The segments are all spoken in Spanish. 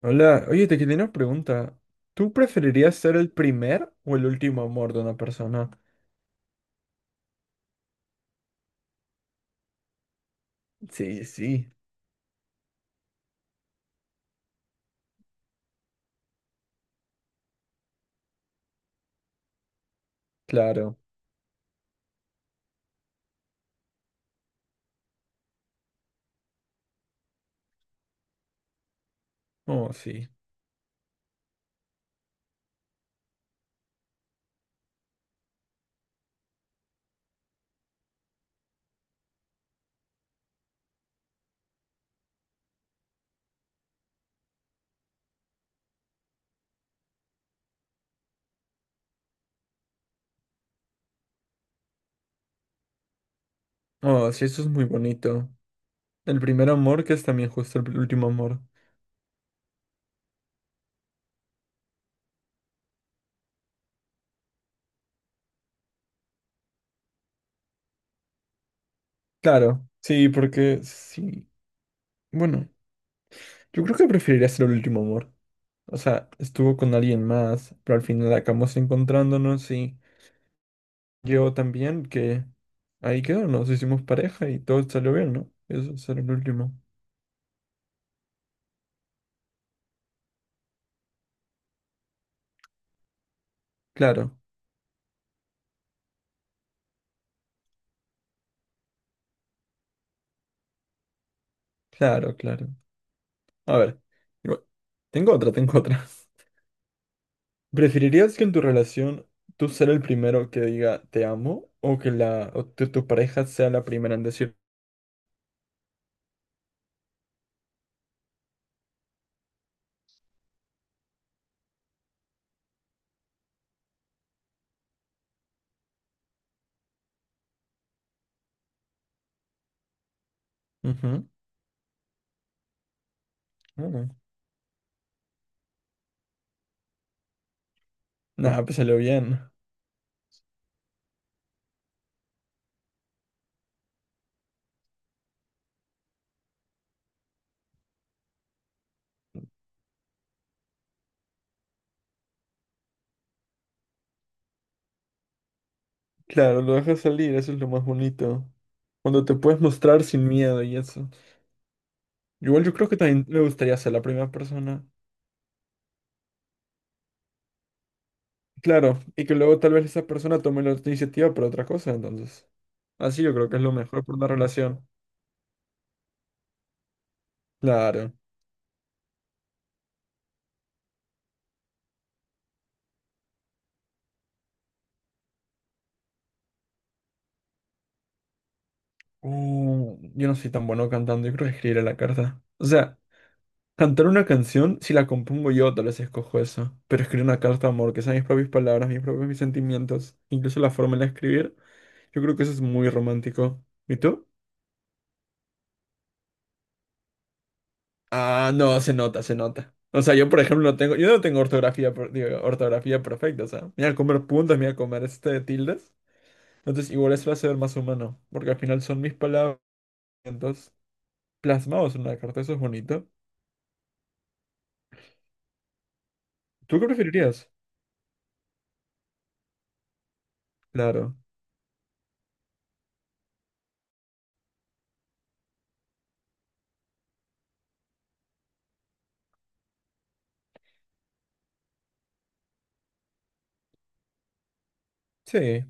Hola, oye, te quería una pregunta. ¿Tú preferirías ser el primer o el último amor de una persona? Sí, sí, claro. Oh, sí. Oh, sí, eso es muy bonito. El primer amor que es también justo el último amor. Claro, sí, porque sí. Bueno, yo creo que preferiría ser el último amor. O sea, estuvo con alguien más, pero al final acabamos encontrándonos y yo también que ahí quedó, nos hicimos pareja y todo salió bien, ¿no? Eso será el último. Claro. Claro, claro. A ver, igual- tengo otra, tengo otra. ¿Preferirías que en tu relación tú ser el primero que diga te amo o que tu pareja sea la primera en decir? Ujú. Mm. Nah, pues salió bien. Claro, lo dejas salir, eso es lo más bonito. Cuando te puedes mostrar sin miedo y eso. Igual yo creo que también me gustaría ser la primera persona. Claro, y que luego tal vez esa persona tome la iniciativa por otra cosa, entonces. Así yo creo que es lo mejor por una relación. Claro. Yo no soy tan bueno cantando, yo creo que escribiré la carta. O sea, cantar una canción, si la compongo yo, tal vez escojo eso. Pero escribir una carta de amor, que sean mis propias palabras, mis propios mis sentimientos, incluso la forma de escribir, yo creo que eso es muy romántico. ¿Y tú? Ah, no, se nota, se nota. O sea, yo por ejemplo no tengo, yo no tengo ortografía, digo, ortografía perfecta, o sea, me voy a comer puntos, me voy a comer este tildes. Entonces, igual eso lo hace ver más humano, porque al final son mis palabras plasmados en una carta, eso es bonito. ¿Tú qué preferirías? Claro, sí,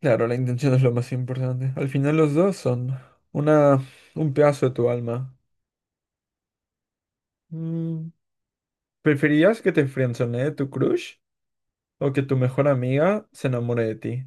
claro, la intención es lo más importante. Al final los dos son una, un pedazo de tu alma. Mm, ¿preferirías que te friendzonee tu crush o que tu mejor amiga se enamore de ti?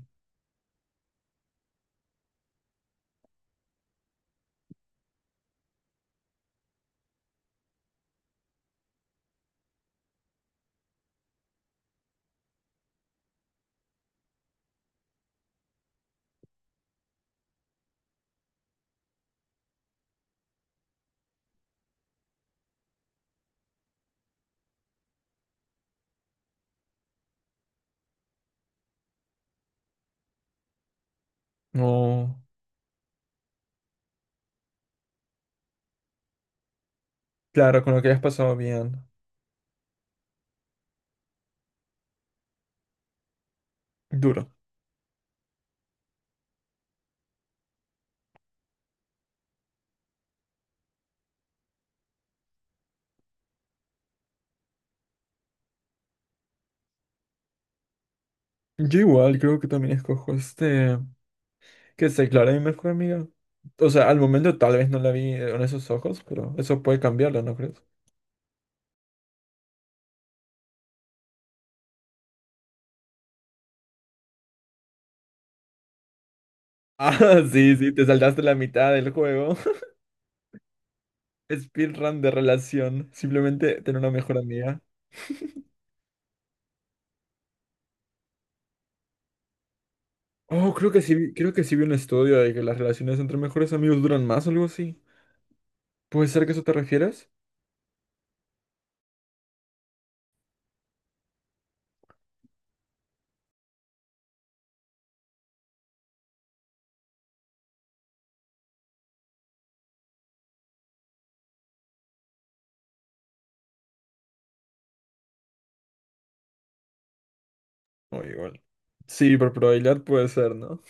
No, claro, con lo que hayas pasado bien. Duro. Yo igual creo que también escojo este, que se declare mi mejor amiga. O sea, al momento tal vez no la vi con esos ojos, pero eso puede cambiarlo, ¿no crees? Ah, sí, sí, te saltaste la mitad del juego. Speedrun de relación. Simplemente tener una mejor amiga. Oh, creo que sí, creo que sí vi un estudio de que las relaciones entre mejores amigos duran más o algo así. ¿Puede ser que eso te refieres? Oh, igual. Sí, por probabilidad puede ser, ¿no?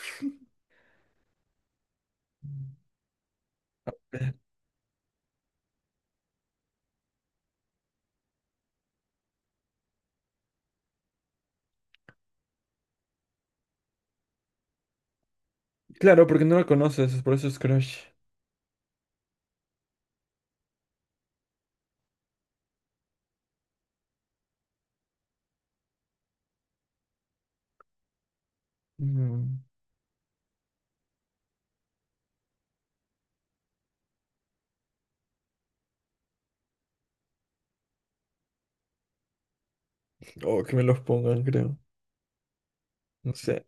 Claro, porque no la conoces, por eso es crush. Mm. Oh, que me los pongan, creo. No sé.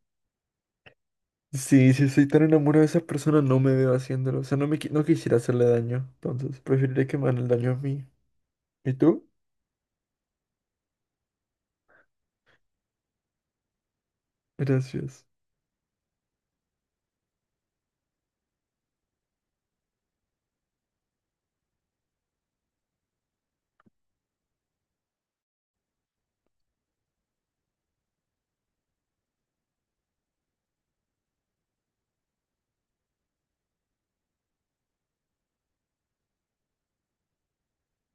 Sí, si estoy tan enamorado de esa persona, no me veo haciéndolo. O sea, no quisiera hacerle daño. Entonces, preferiría que me hagan el daño a mí. ¿Y tú? Gracias.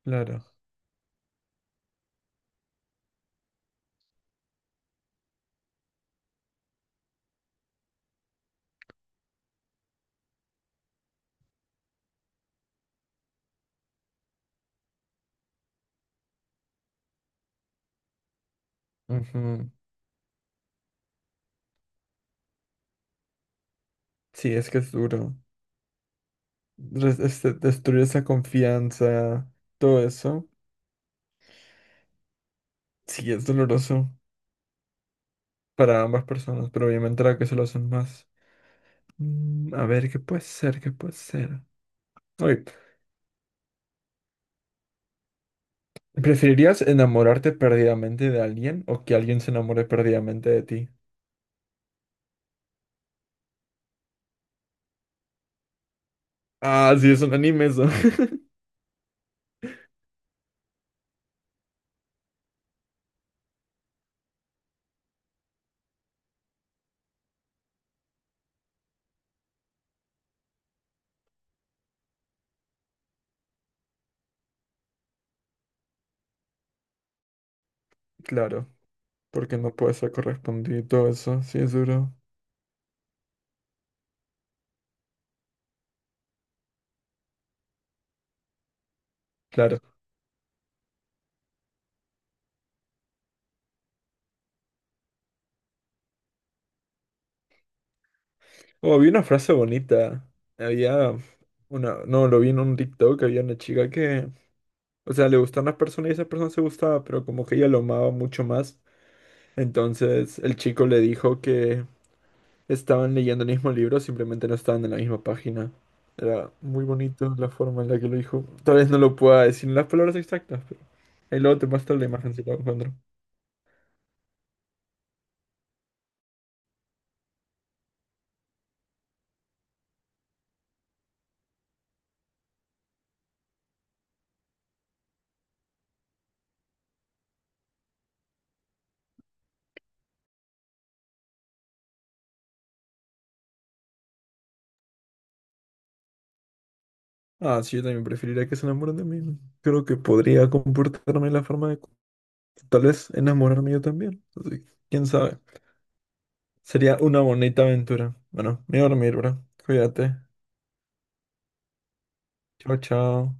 Claro. Ujú. Sí, es que es duro. Este, destruir esa confianza, todo eso, sí es doloroso para ambas personas, pero obviamente la que se lo hacen más. Mm, a ver, ¿qué puede ser? ¿Qué puede ser? Oye, ¿preferirías enamorarte perdidamente de alguien o que alguien se enamore perdidamente de ti? Ah, sí, es un anime eso. Claro, porque no puede ser correspondido y todo eso, sí es duro. Claro. Oh, vi una frase bonita. Había una, no, lo vi en un TikTok, había una chica que, o sea, le gustó a una persona y esa persona se gustaba, pero como que ella lo amaba mucho más. Entonces el chico le dijo que estaban leyendo el mismo libro, simplemente no estaban en la misma página. Era muy bonito la forma en la que lo dijo. Tal vez no lo pueda decir en las palabras exactas, pero ahí luego te muestro la imagen si la encuentro. Ah, sí, yo también preferiría que se enamoren de mí. ¿No? Creo que podría comportarme de la forma de... Tal vez enamorarme yo también. Así que, quién sabe. Sería una bonita aventura. Bueno, me voy a dormir, bro. Cuídate. Chao, chao.